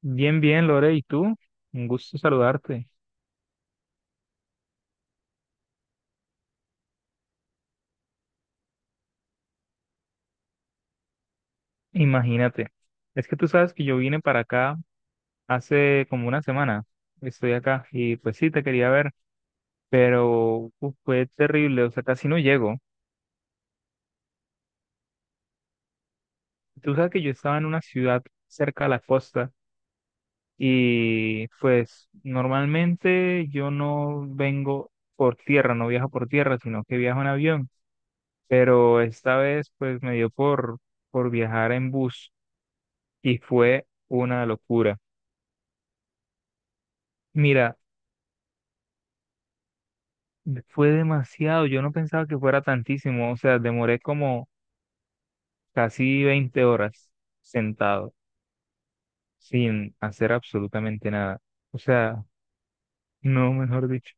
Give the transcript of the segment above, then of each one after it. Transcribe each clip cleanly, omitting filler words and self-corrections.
Bien, bien, Lore, ¿y tú? Un gusto saludarte. Imagínate, es que tú sabes que yo vine para acá hace como una semana, estoy acá y pues sí, te quería ver, pero uf, fue terrible, o sea, casi no llego. Tú sabes que yo estaba en una ciudad cerca a la costa y pues normalmente yo no vengo por tierra, no viajo por tierra, sino que viajo en avión, pero esta vez pues me dio por viajar en bus y fue una locura. Mira, fue demasiado, yo no pensaba que fuera tantísimo, o sea, demoré como casi 20 horas sentado sin hacer absolutamente nada. O sea, no, mejor dicho.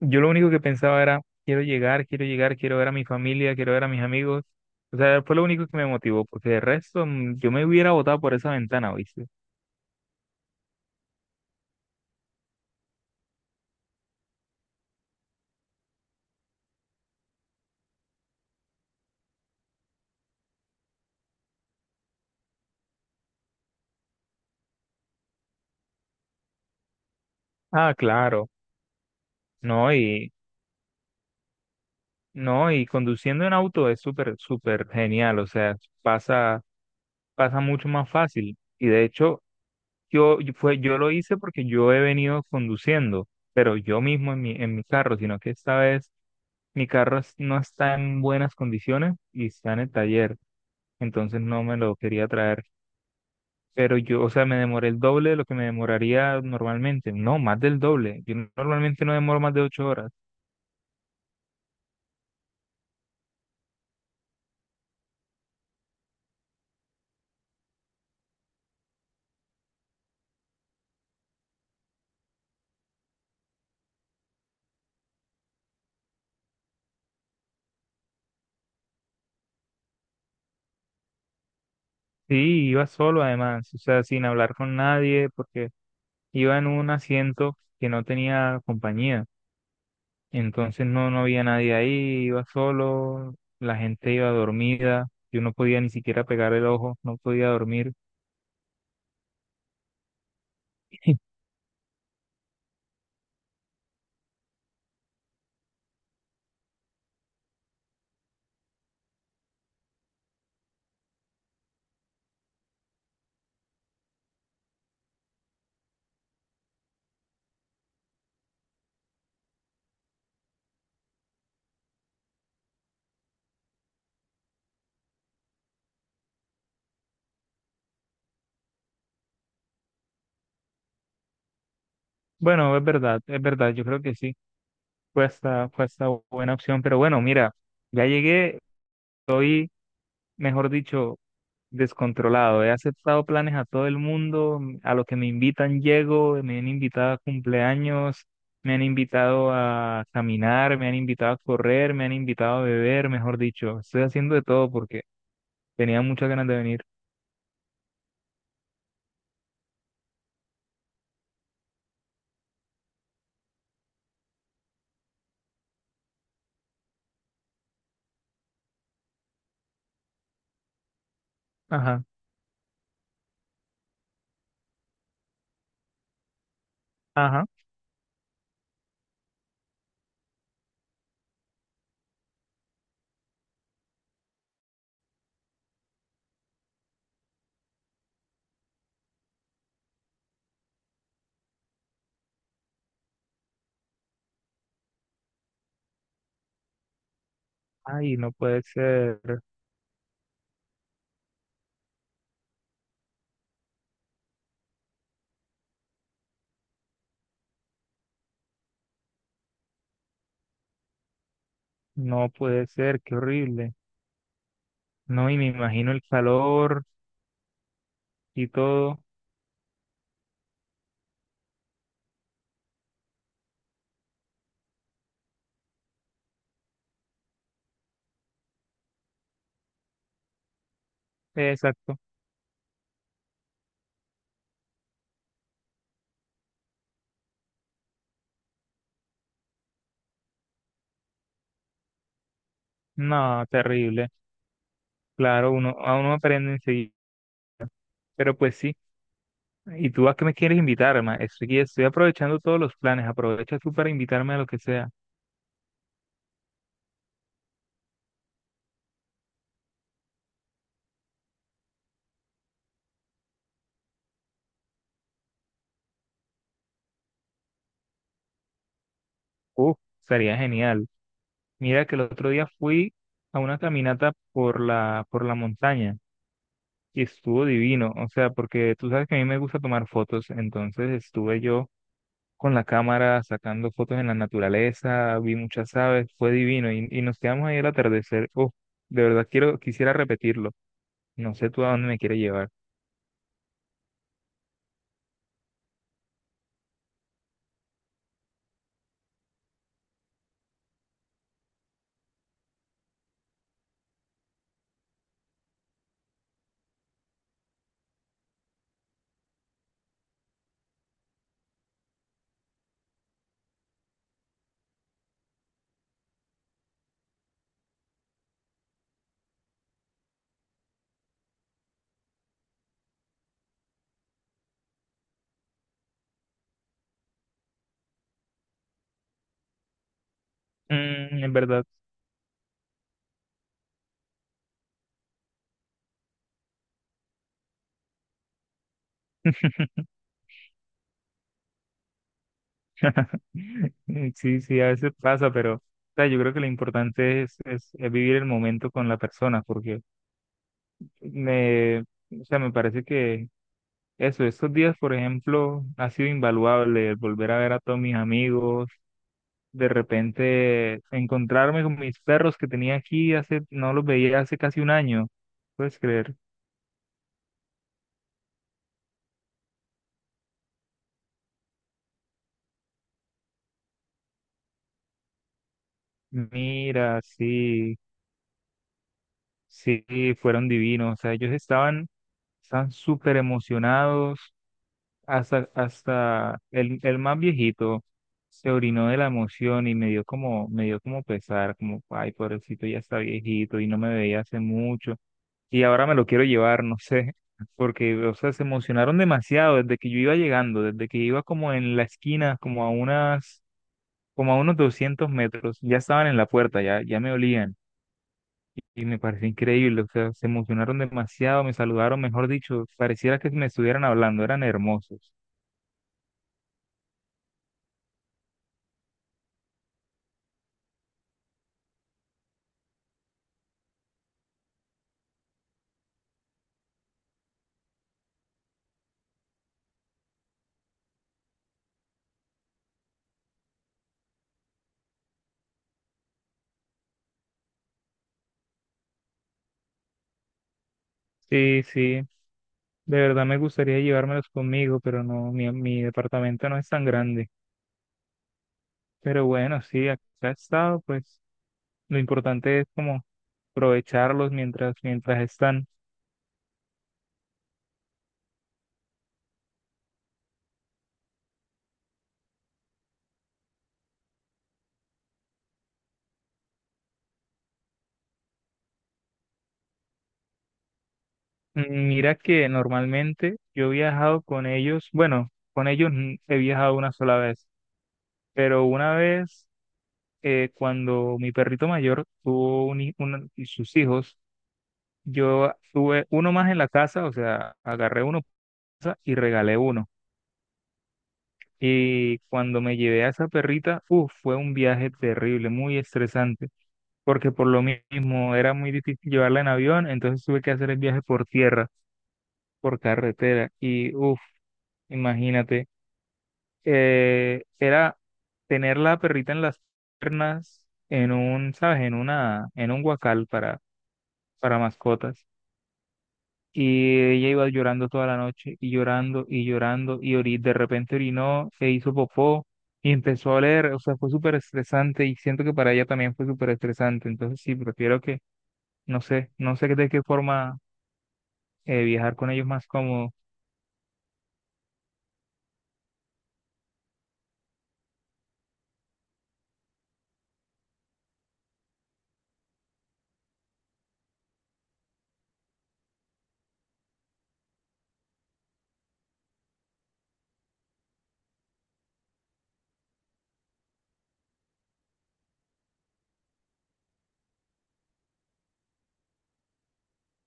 Yo lo único que pensaba era: quiero llegar, quiero llegar, quiero ver a mi familia, quiero ver a mis amigos. O sea, fue lo único que me motivó, porque de resto yo me hubiera botado por esa ventana, ¿viste? Ah, claro. No, y no, y conduciendo en auto es súper, súper genial, o sea, pasa pasa mucho más fácil. Y de hecho, yo lo hice porque yo he venido conduciendo, pero yo mismo en mi carro, sino que esta vez mi carro no está en buenas condiciones y está en el taller, entonces no me lo quería traer. Pero yo, o sea, me demoré el doble de lo que me demoraría normalmente, no, más del doble. Yo normalmente no demoro más de 8 horas. Sí, iba solo además, o sea, sin hablar con nadie, porque iba en un asiento que no tenía compañía. Entonces no había nadie ahí, iba solo, la gente iba dormida, yo no podía ni siquiera pegar el ojo, no podía dormir. Bueno, es verdad, yo creo que sí, fue hasta buena opción, pero bueno, mira, ya llegué, estoy, mejor dicho, descontrolado, he aceptado planes a todo el mundo, a lo que me invitan llego, me han invitado a cumpleaños, me han invitado a caminar, me han invitado a correr, me han invitado a beber, mejor dicho, estoy haciendo de todo porque... Tenía muchas ganas de venir. Ajá, ajá. Ay, no puede ser, no puede ser, qué horrible. No, y me imagino el calor y todo. Exacto. No, terrible. Claro, a uno aprende enseguida. Pero pues sí. ¿Y tú a qué me quieres invitar, ma? Estoy aprovechando todos los planes. Aprovecha tú para invitarme a lo que sea. Uf, sería genial. Mira que el otro día fui a una caminata por la montaña. Y estuvo divino, o sea, porque tú sabes que a mí me gusta tomar fotos, entonces estuve yo con la cámara sacando fotos en la naturaleza, vi muchas aves, fue divino y nos quedamos ahí al atardecer. Oh, de verdad quisiera repetirlo. No sé tú a dónde me quieres llevar. En verdad, sí, sí, a veces pasa, pero o sea, yo creo que lo importante es vivir el momento con la persona, porque o sea, me parece que eso, estos días, por ejemplo, ha sido invaluable el volver a ver a todos mis amigos, de repente encontrarme con mis perros que tenía aquí hace, no los veía hace casi un año, puedes creer. Mira, sí, sí, fueron divinos, o sea, ellos estaban súper emocionados, hasta el más viejito se orinó de la emoción y me dio como pesar, como, ay, pobrecito, ya está viejito y no me veía hace mucho. Y ahora me lo quiero llevar, no sé, porque, o sea, se emocionaron demasiado desde que yo iba llegando, desde que iba como en la esquina, como a unos 200 metros, ya estaban en la puerta, ya me olían. Y me pareció increíble, o sea, se emocionaron demasiado, me saludaron, mejor dicho, pareciera que me estuvieran hablando, eran hermosos. Sí, sí, de verdad me gustaría llevármelos conmigo, pero no, mi departamento no es tan grande. Pero bueno, sí, acá he estado, pues lo importante es como aprovecharlos mientras están. Mira que normalmente yo he viajado con ellos, bueno, con ellos he viajado una sola vez, pero una vez cuando mi perrito mayor tuvo un, y sus hijos, yo tuve uno más en la casa, o sea, agarré uno y regalé uno. Y cuando me llevé a esa perrita, uf, fue un viaje terrible, muy estresante, porque por lo mismo era muy difícil llevarla en avión, entonces tuve que hacer el viaje por tierra, por carretera. Y uf, imagínate, era tener la perrita en las piernas, en un, ¿sabes? En un guacal para mascotas. Y ella iba llorando toda la noche y llorando y llorando y de repente orinó, se hizo popó y empezó a oler. O sea, fue súper estresante y siento que para ella también fue súper estresante. Entonces sí, prefiero que, no sé, no sé de qué forma viajar con ellos más cómodo.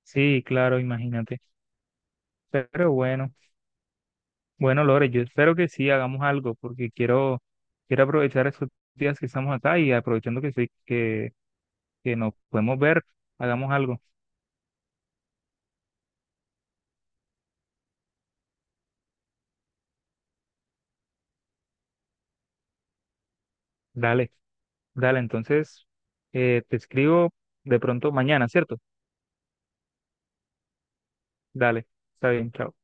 Sí, claro, imagínate. Pero bueno, bueno, Lore, yo espero que sí hagamos algo porque quiero aprovechar estos días que estamos acá y aprovechando que nos podemos ver, hagamos algo. Dale. Dale, entonces te escribo de pronto mañana, ¿cierto? Dale, está bien, chao.